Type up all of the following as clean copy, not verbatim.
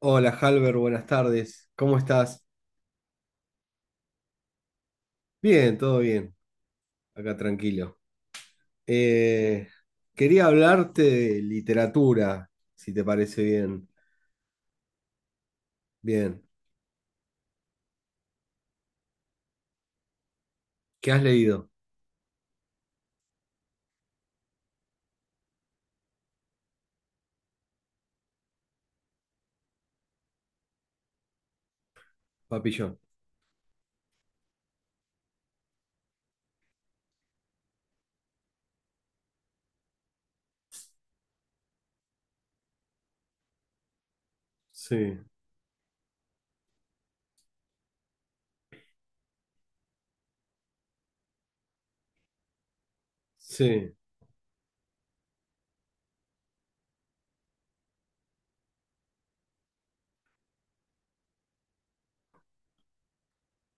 Hola, Halber, buenas tardes. ¿Cómo estás? Bien, todo bien. Acá tranquilo. Eh, Quería hablarte de literatura, si te parece bien. Bien. ¿Qué has leído, Papillón? Sí, sí,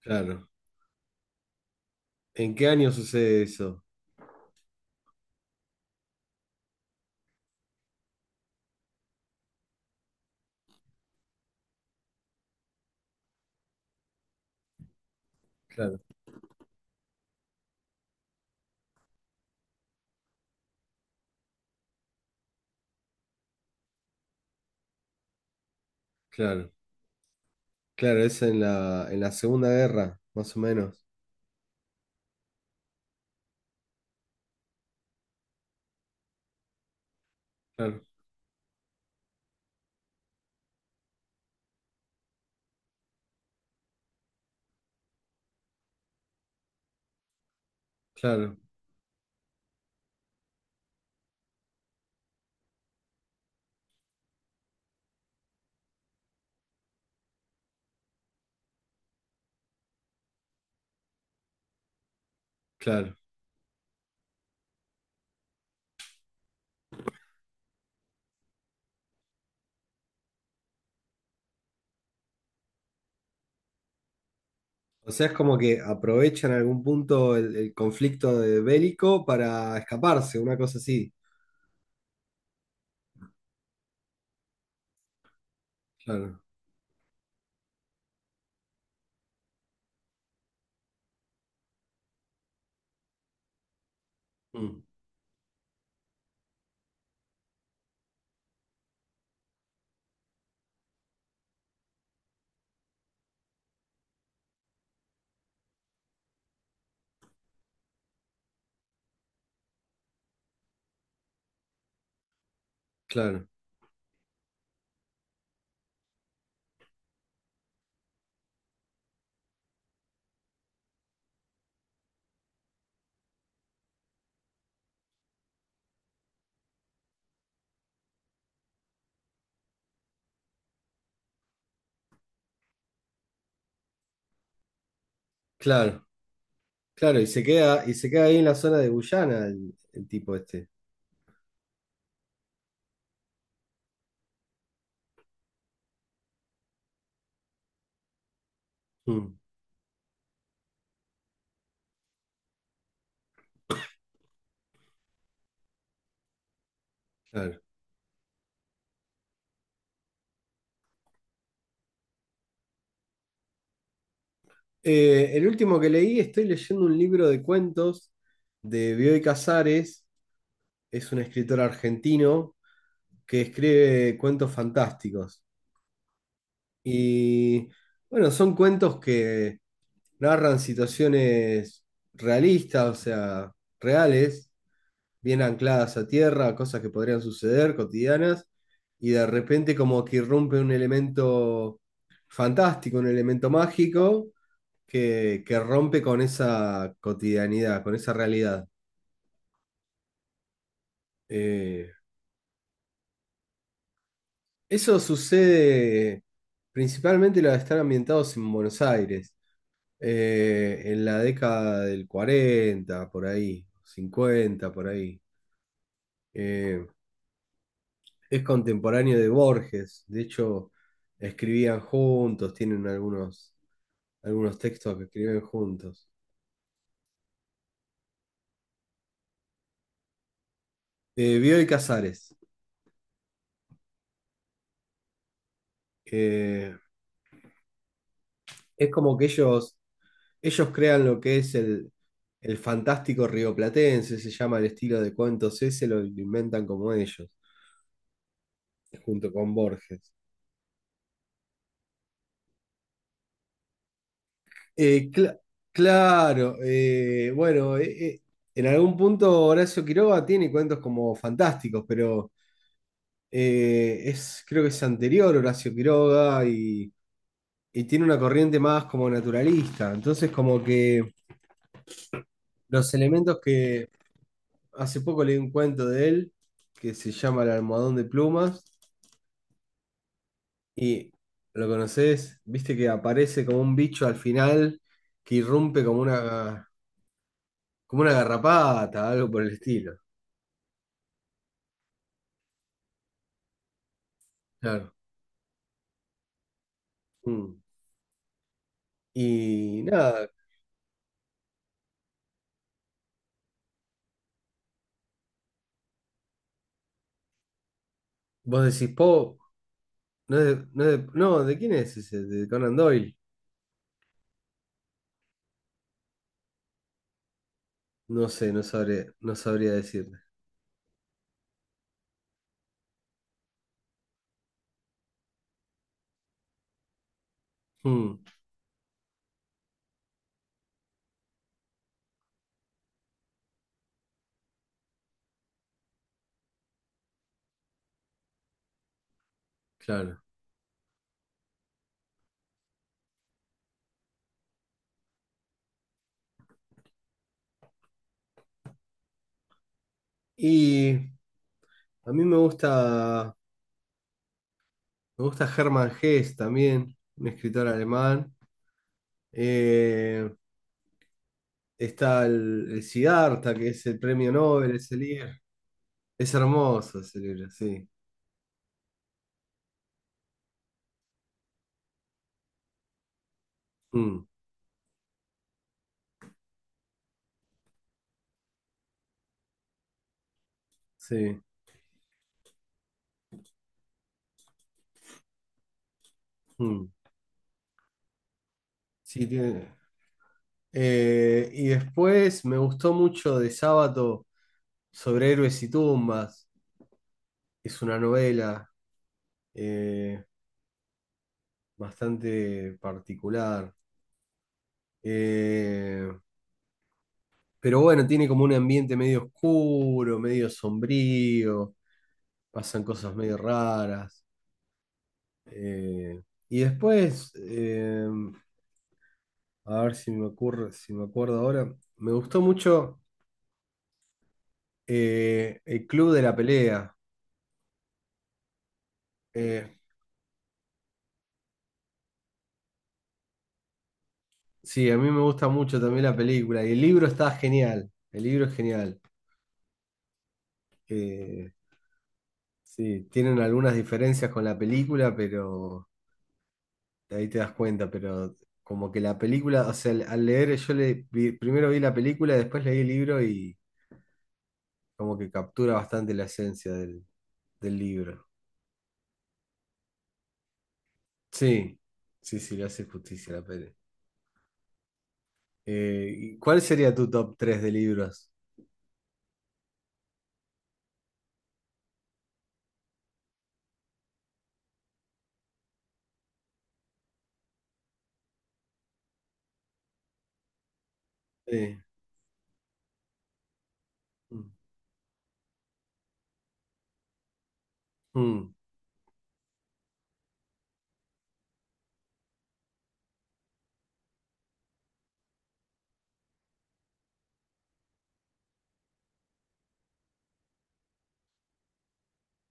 claro. ¿En qué año sucede eso? Claro, claro. Claro, es en la, Segunda Guerra, más o menos. Claro, claro, claro. O sea, es como que aprovechan en algún punto el conflicto de bélico para escaparse, una cosa así. Claro. Mm. Claro, claro, claro, y se queda, ahí en la zona de Guyana el tipo este. Mm. Claro. El último que leí, estoy leyendo un libro de cuentos de Bioy Casares, es un escritor argentino que escribe cuentos fantásticos. Y bueno, son cuentos que narran situaciones realistas, o sea, reales. Bien ancladas a tierra, cosas que podrían suceder cotidianas, y de repente como que irrumpe un elemento fantástico, un elemento mágico, que, rompe con esa cotidianidad, con esa realidad. Eh, Eso sucede principalmente los que están ambientados en Buenos Aires, en la década del 40 por ahí, 50 por ahí. Eh, es contemporáneo de Borges. De hecho, escribían juntos, tienen algunos, textos que escriben juntos. Bioy Casares. eh, es como que ellos, crean lo que es el fantástico rioplatense, se llama el estilo de cuentos ese, lo inventan como ellos, junto con Borges. Eh, cla- claro, bueno, eh, en algún punto Horacio Quiroga tiene cuentos como fantásticos, pero es, creo que es anterior Horacio Quiroga y, tiene una corriente más como naturalista. Entonces, como que los elementos que hace poco leí un cuento de él que se llama El almohadón de plumas y lo conoces, viste que aparece como un bicho al final que irrumpe como una garrapata, algo por el estilo. Claro. Mm. Y nada, vos decís, po, no, ¿de quién es ese? De Conan Doyle. No sé, no sabría decirte. Mm, claro. Y a mí me gusta Hermann Hesse también, un escritor alemán. Eh, Está el Siddhartha, que es el premio Nobel, ese libro. Es hermoso ese libro, sí. Mm, sí. Mm. Sí, tiene. Y después me gustó mucho de Sábato sobre héroes y tumbas. Es una novela. eh, Bastante particular. Eh, pero bueno, tiene como un ambiente medio oscuro, medio sombrío, pasan cosas medio raras. Eh, y después, a ver si me ocurre, si me acuerdo ahora, me gustó mucho El Club de la Pelea. Eh, sí, a mí me gusta mucho también la película y el libro está genial, el libro es genial. Eh, sí, tienen algunas diferencias con la película, pero. Ahí te das cuenta, pero como que la película, o sea, al leer primero vi la película, después leí el libro y como que captura bastante la esencia del, libro. Sí, sí, sí, le hace justicia a la peli. ¿Y cuál sería tu top tres de libros? Sí, mm, mm,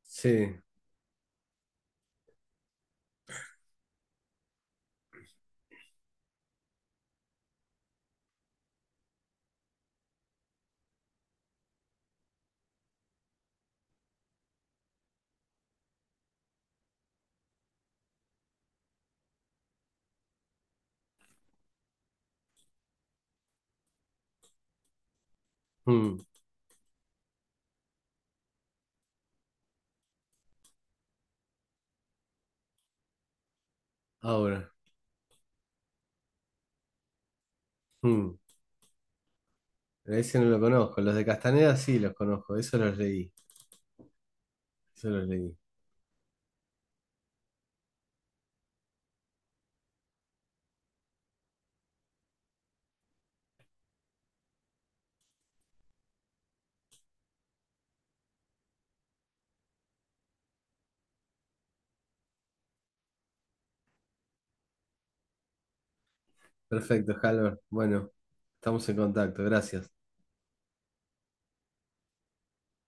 sí, mm, ahora, mm. Ese no lo conozco, los de Castaneda sí los conozco, eso los leí, eso los leí. Perfecto, Halvor, bueno, estamos en contacto, gracias.